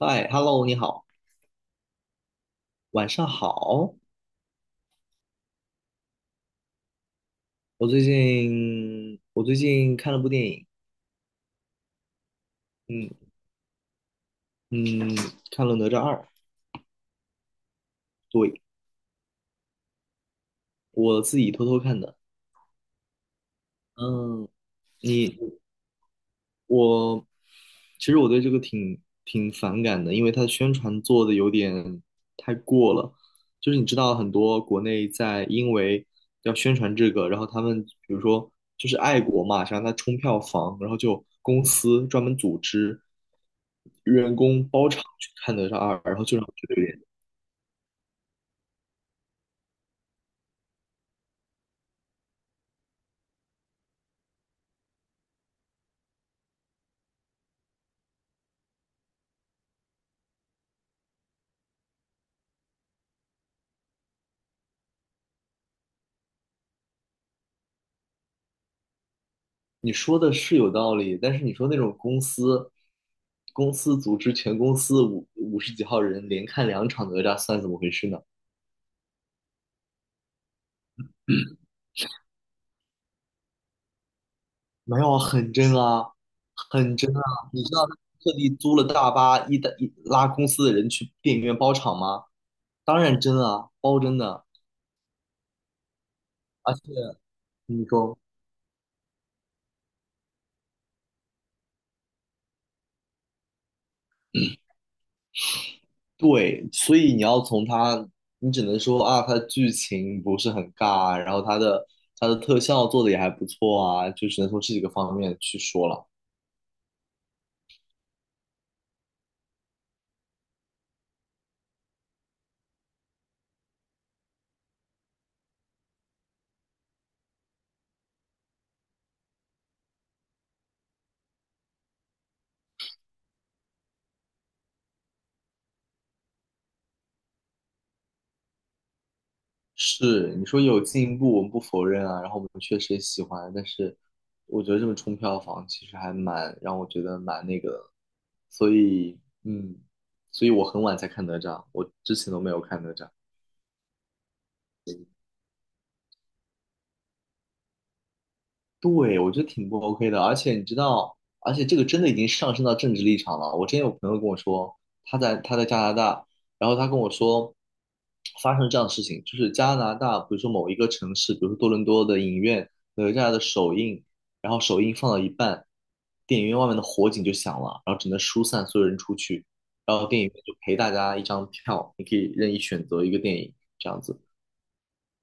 嗨，Hello，你好，晚上好。我最近看了部电影，嗯嗯，看了《哪吒二》，对，我自己偷偷看的。嗯，你我其实我对这个挺反感的，因为它的宣传做的有点太过了。就是你知道，很多国内在因为要宣传这个，然后他们比如说就是爱国嘛，想让它冲票房，然后就公司专门组织员工包场去看哪吒二，然后就让我觉得有点。你说的是有道理，但是你说那种公司组织全公司五五十几号人连看两场哪吒，算怎么回事呢？没有很真啊，很真啊！你知道他特地租了大巴，一搭一拉公司的人去电影院包场吗？当然真啊，包真的。而且你说对，所以你要从他，你只能说啊，他的剧情不是很尬，然后他的特效做的也还不错啊，就只能从这几个方面去说了。是，你说有进步，我们不否认啊，然后我们确实也喜欢，但是我觉得这么冲票房其实还蛮让我觉得蛮那个的，所以嗯，所以我很晚才看哪吒，我之前都没有看哪吒。对，我觉得挺不 OK 的，而且你知道，而且这个真的已经上升到政治立场了。我之前有朋友跟我说，他在加拿大，然后他跟我说，发生这样的事情，就是加拿大，比如说某一个城市，比如说多伦多的影院，哪吒的首映，然后首映放到一半，电影院外面的火警就响了，然后只能疏散所有人出去，然后电影院就赔大家一张票，你可以任意选择一个电影这样子。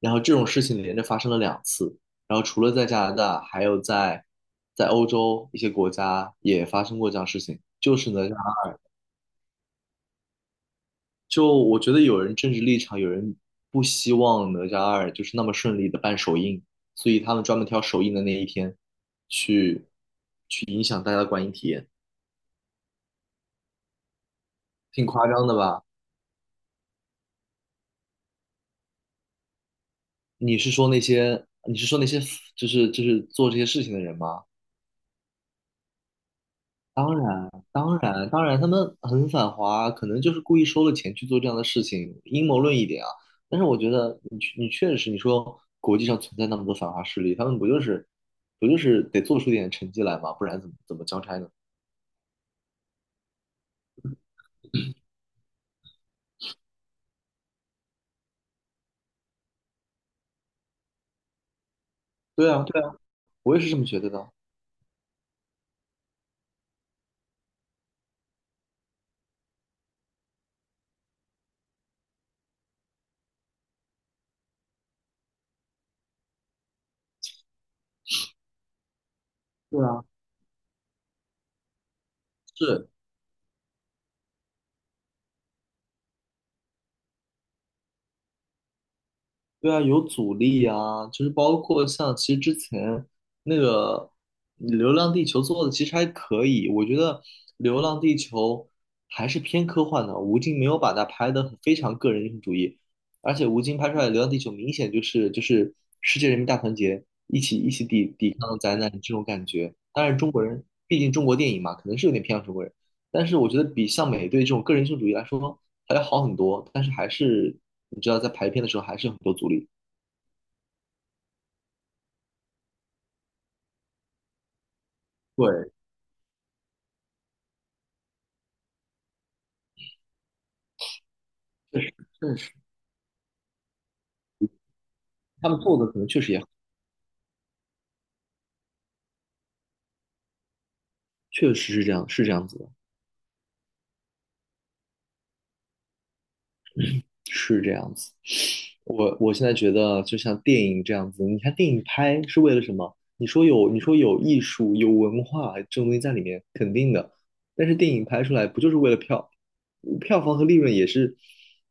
然后这种事情连着发生了两次，然后除了在加拿大，还有在欧洲一些国家也发生过这样的事情。就是哪吒，就我觉得有人政治立场，有人不希望哪吒二就是那么顺利的办首映，所以他们专门挑首映的那一天去去影响大家的观影体验，挺夸张的吧？你是说那些就是做这些事情的人吗？当然。当然，当然，他们很反华，可能就是故意收了钱去做这样的事情，阴谋论一点啊。但是我觉得你确实，你说国际上存在那么多反华势力，他们不就是得做出点成绩来嘛，不然怎么交差呢？对啊，对啊，我也是这么觉得的。对啊，是，对啊，有阻力啊，就是包括像其实之前那个《流浪地球》做的其实还可以，我觉得《流浪地球》还是偏科幻的，吴京没有把它拍得很非常个人英雄主义，而且吴京拍出来的《流浪地球》明显就是世界人民大团结，一起抵抵抗灾难这种感觉。当然，中国人毕竟中国电影嘛，可能是有点偏向中国人，但是我觉得比像美队这种个人英雄主义来说还要好很多，但是还是你知道在排片的时候还是有很多阻力。对，确实，他们做的可能确实也确实是这样，是这样子的，是这样子。我现在觉得，就像电影这样子，你看电影拍是为了什么？你说有，你说有艺术、有文化这种东西在里面，肯定的。但是电影拍出来不就是为了票，票房和利润也是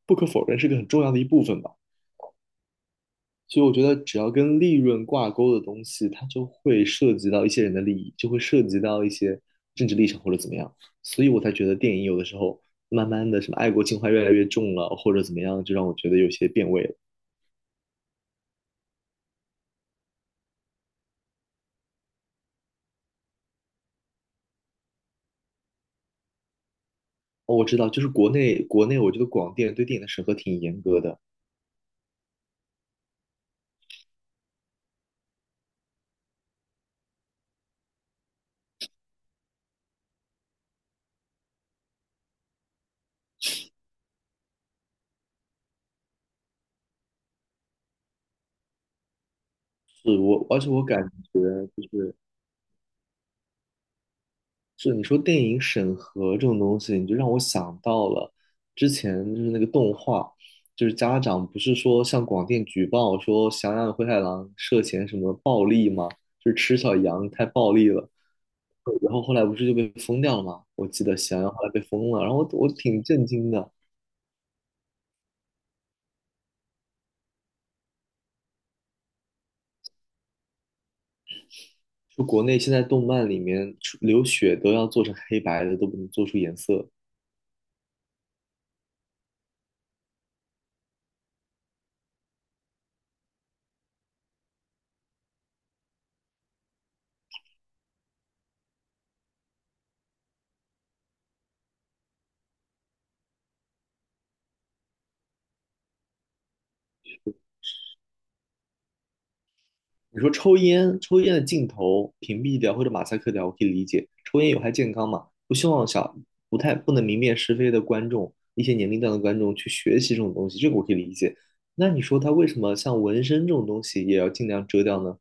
不可否认是个很重要的一部分吧？所以我觉得只要跟利润挂钩的东西，它就会涉及到一些人的利益，就会涉及到一些政治立场或者怎么样。所以我才觉得电影有的时候慢慢的什么爱国情怀越来越重了，或者怎么样，就让我觉得有些变味了。哦，我知道，就是国内，我觉得广电对电影的审核挺严格的。是我，而且我感觉就是是你说电影审核这种东西，你就让我想到了之前就是那个动画，就是家长不是说向广电举报说羊与灰太狼涉嫌什么暴力吗？就是吃小羊太暴力了，然后后来不是就被封掉了吗？我记得翔羊后来被封了，然后我挺震惊的，就国内现在动漫里面出流血都要做成黑白的，都不能做出颜色。你说抽烟，抽烟的镜头屏蔽掉或者马赛克掉，我可以理解。抽烟有害健康嘛？不希望小不太不能明辨是非的观众，一些年龄段的观众去学习这种东西，这个我可以理解。那你说他为什么像纹身这种东西也要尽量遮掉呢？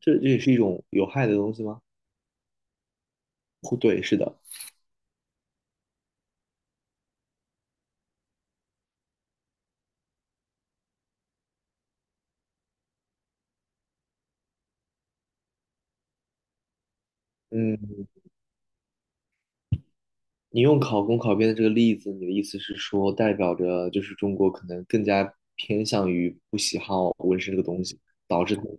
这也是一种有害的东西吗？不对，是的。嗯，你用考公考编的这个例子，你的意思是说，代表着就是中国可能更加偏向于不喜好纹身这个东西，导致他们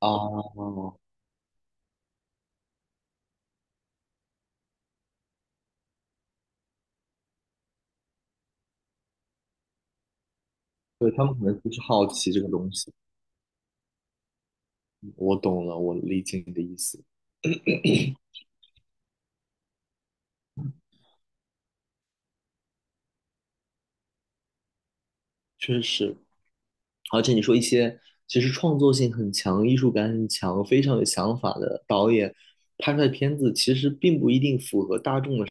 啊。哦对，他们可能就是好奇这个东西。我懂了，我理解你的意思，确实。而且你说一些其实创作性很强、艺术感很强、非常有想法的导演拍出来的片子，其实并不一定符合大众的，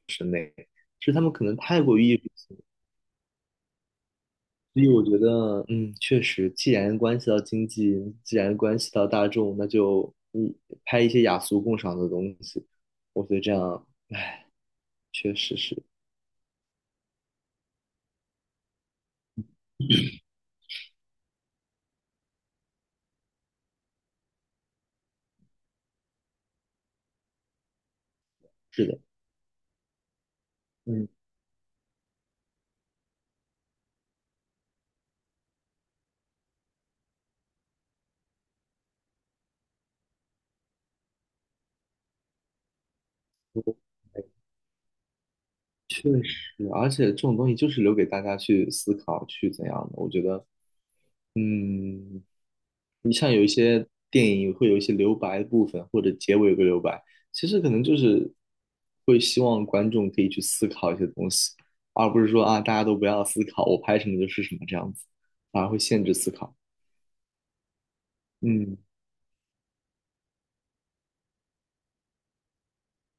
是他们可能太过于艺术性。所以我觉得，嗯，确实，既然关系到经济，既然关系到大众，那就嗯拍一些雅俗共赏的东西。我觉得这样确实是是的，嗯。确实，而且这种东西就是留给大家去思考，去怎样的。我觉得，嗯，你像有一些电影会有一些留白的部分，或者结尾有个留白，其实可能就是会希望观众可以去思考一些东西，而不是说啊大家都不要思考，我拍什么就是什么这样子，反而会限制思考。嗯，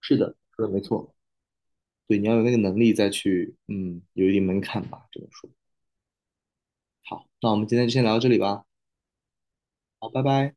是的，说的没错。对，你要有那个能力再去，嗯，有一定门槛吧，这么说。好，那我们今天就先聊到这里吧。好，拜拜。